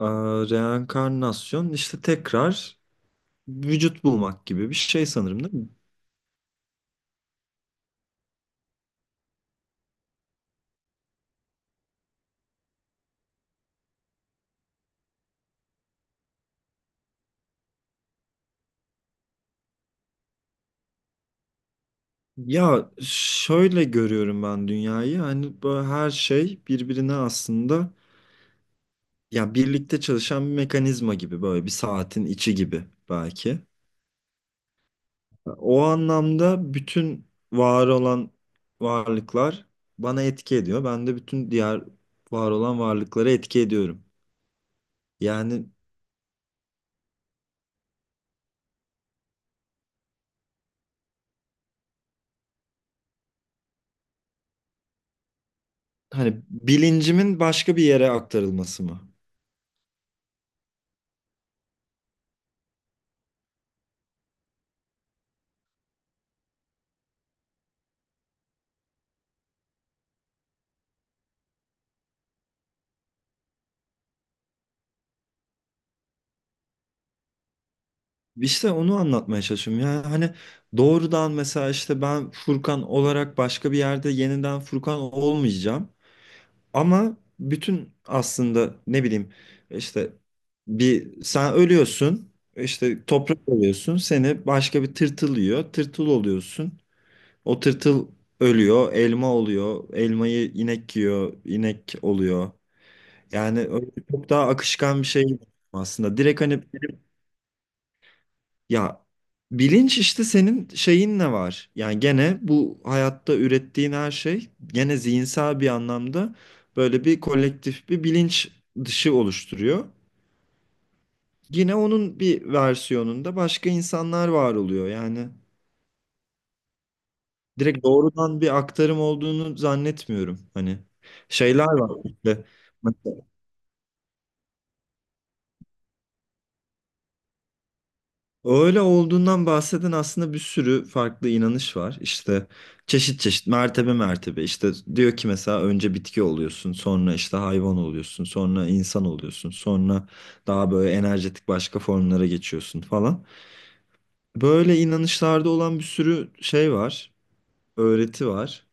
Ee, reenkarnasyon işte tekrar vücut bulmak gibi bir şey sanırım değil mi? Ya şöyle görüyorum ben dünyayı, hani böyle her şey birbirine aslında, ya birlikte çalışan bir mekanizma gibi, böyle bir saatin içi gibi belki. O anlamda bütün var olan varlıklar bana etki ediyor. Ben de bütün diğer var olan varlıklara etki ediyorum. Yani hani bilincimin başka bir yere aktarılması mı? İşte onu anlatmaya çalışıyorum. Yani hani doğrudan mesela işte ben Furkan olarak başka bir yerde yeniden Furkan olmayacağım. Ama bütün aslında, ne bileyim, işte bir sen ölüyorsun, işte toprak oluyorsun, seni başka bir tırtıl yiyor, tırtıl oluyorsun. O tırtıl ölüyor, elma oluyor, elmayı inek yiyor, inek oluyor. Yani öyle çok daha akışkan bir şey aslında. Direkt hani. Ya, bilinç işte senin şeyin ne var? Yani gene bu hayatta ürettiğin her şey gene zihinsel bir anlamda böyle bir kolektif bir bilinç dışı oluşturuyor. Yine onun bir versiyonunda başka insanlar var oluyor. Yani direkt doğrudan bir aktarım olduğunu zannetmiyorum. Hani şeyler var işte. Öyle olduğundan bahseden aslında bir sürü farklı inanış var. İşte çeşit çeşit, mertebe mertebe, işte diyor ki mesela önce bitki oluyorsun, sonra işte hayvan oluyorsun, sonra insan oluyorsun, sonra daha böyle enerjetik başka formlara geçiyorsun falan. Böyle inanışlarda olan bir sürü şey var, öğreti var.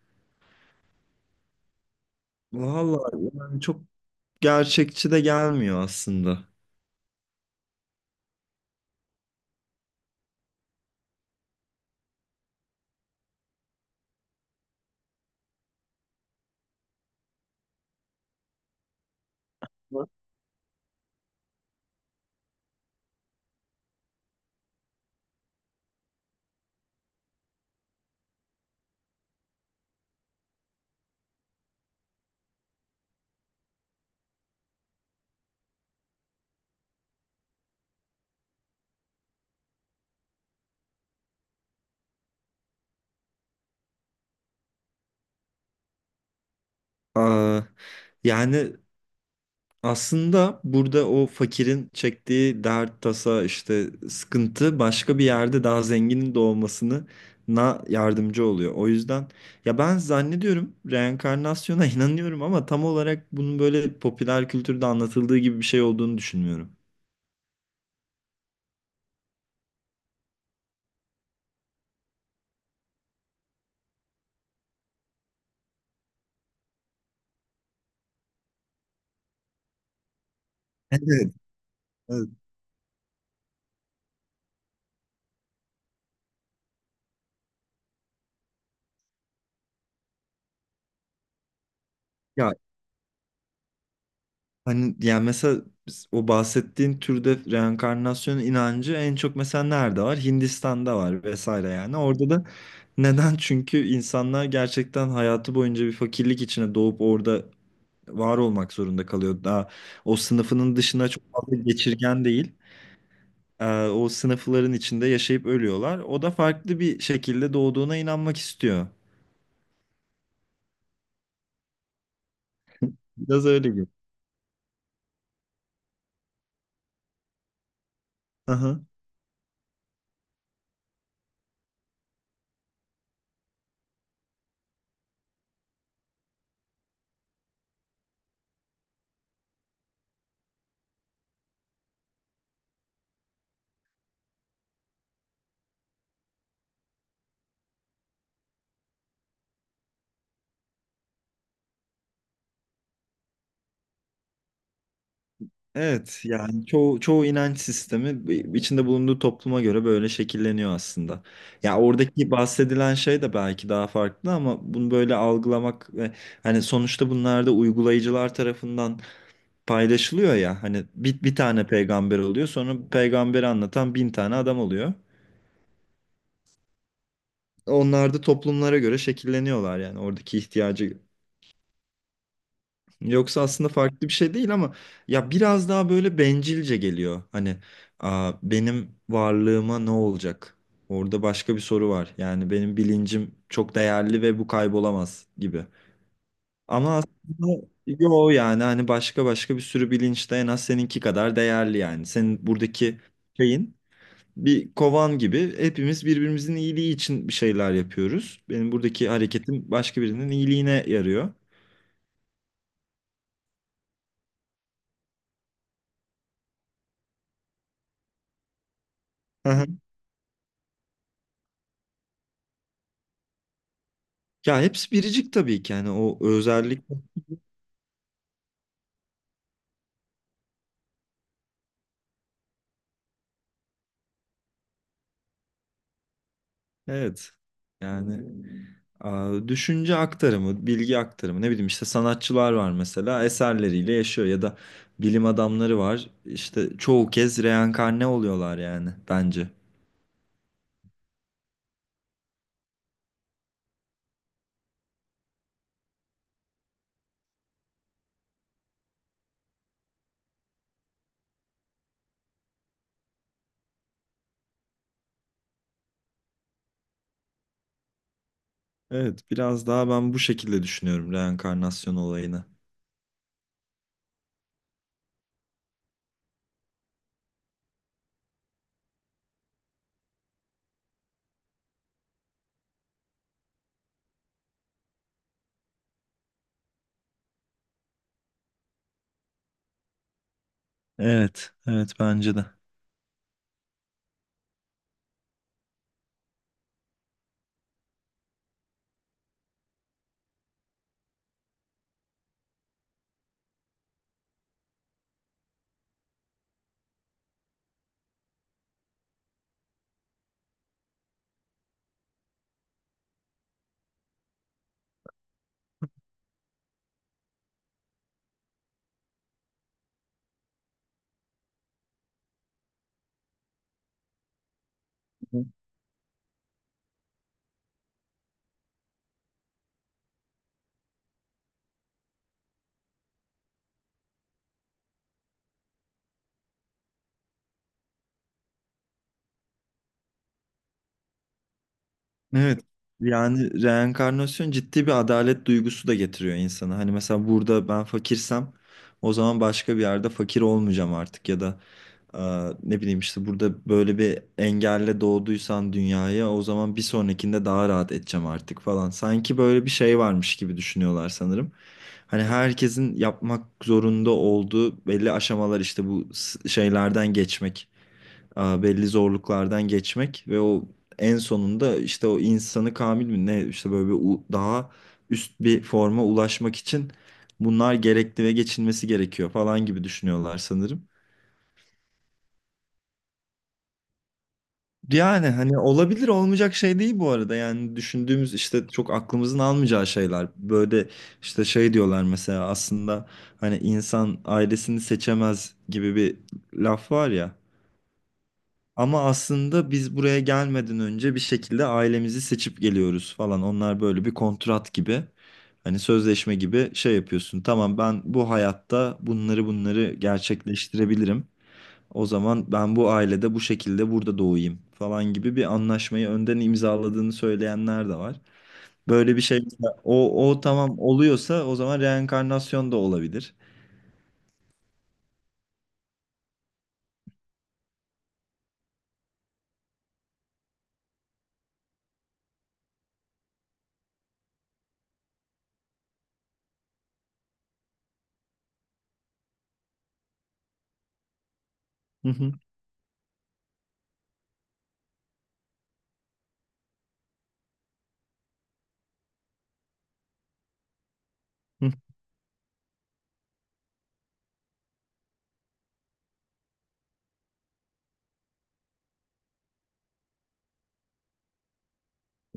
Vallahi yani çok gerçekçi de gelmiyor aslında. Aa, yani aslında burada o fakirin çektiği dert, tasa, işte sıkıntı, başka bir yerde daha zenginin doğmasına yardımcı oluyor. O yüzden ya ben zannediyorum reenkarnasyona inanıyorum, ama tam olarak bunun böyle popüler kültürde anlatıldığı gibi bir şey olduğunu düşünmüyorum. Evet, evet. Ya. Hani yani mesela o bahsettiğin türde reenkarnasyon inancı en çok mesela nerede var? Hindistan'da var vesaire yani. Orada da neden? Çünkü insanlar gerçekten hayatı boyunca bir fakirlik içine doğup orada var olmak zorunda kalıyor. Daha o sınıfının dışına çok fazla geçirgen değil. O sınıfların içinde yaşayıp ölüyorlar. O da farklı bir şekilde doğduğuna inanmak istiyor. Biraz öyle gibi. Evet yani çoğu inanç sistemi içinde bulunduğu topluma göre böyle şekilleniyor aslında. Ya oradaki bahsedilen şey de belki daha farklı, ama bunu böyle algılamak ve hani sonuçta bunlar da uygulayıcılar tarafından paylaşılıyor ya. Hani bir tane peygamber oluyor, sonra peygamberi anlatan bin tane adam oluyor. Onlar da toplumlara göre şekilleniyorlar, yani oradaki ihtiyacı. Yoksa aslında farklı bir şey değil ama ya biraz daha böyle bencilce geliyor. Hani Aa, benim varlığıma ne olacak? Orada başka bir soru var. Yani benim bilincim çok değerli ve bu kaybolamaz gibi. Ama aslında yo, yani hani başka başka bir sürü bilinç de en az seninki kadar değerli yani. Senin buradaki şeyin bir kovan gibi, hepimiz birbirimizin iyiliği için bir şeyler yapıyoruz. Benim buradaki hareketim başka birinin iyiliğine yarıyor. Ya hepsi biricik tabii ki, yani o özellik. Evet yani düşünce aktarımı, bilgi aktarımı, ne bileyim, işte sanatçılar var mesela eserleriyle yaşıyor ya da bilim adamları var, işte çoğu kez reenkarne oluyorlar yani bence. Evet biraz daha ben bu şekilde düşünüyorum reenkarnasyon olayını. Evet, evet, bence de. Evet. Yani reenkarnasyon ciddi bir adalet duygusu da getiriyor insana. Hani mesela burada ben fakirsem o zaman başka bir yerde fakir olmayacağım artık, ya da e, ne bileyim, işte burada böyle bir engelle doğduysan dünyaya, o zaman bir sonrakinde daha rahat edeceğim artık falan. Sanki böyle bir şey varmış gibi düşünüyorlar sanırım. Hani herkesin yapmak zorunda olduğu belli aşamalar, işte bu şeylerden geçmek, belli zorluklardan geçmek ve o en sonunda işte o insanı kamil mi ne, işte böyle bir daha üst bir forma ulaşmak için bunlar gerekli ve geçilmesi gerekiyor falan gibi düşünüyorlar sanırım. Yani hani olabilir, olmayacak şey değil bu arada yani, düşündüğümüz işte çok aklımızın almayacağı şeyler böyle. İşte şey diyorlar mesela, aslında hani insan ailesini seçemez gibi bir laf var ya. Ama aslında biz buraya gelmeden önce bir şekilde ailemizi seçip geliyoruz falan. Onlar böyle bir kontrat gibi. Hani sözleşme gibi şey yapıyorsun. Tamam, ben bu hayatta bunları bunları gerçekleştirebilirim. O zaman ben bu ailede bu şekilde burada doğayım falan gibi bir anlaşmayı önden imzaladığını söyleyenler de var. Böyle bir şey o tamam oluyorsa, o zaman reenkarnasyon da olabilir. Hı hı, hı.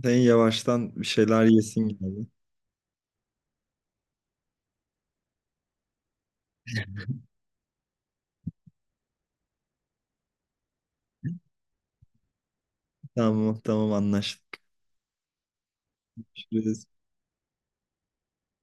Sen yavaştan bir şeyler yesin gibi. Tamam, tamam, anlaştık.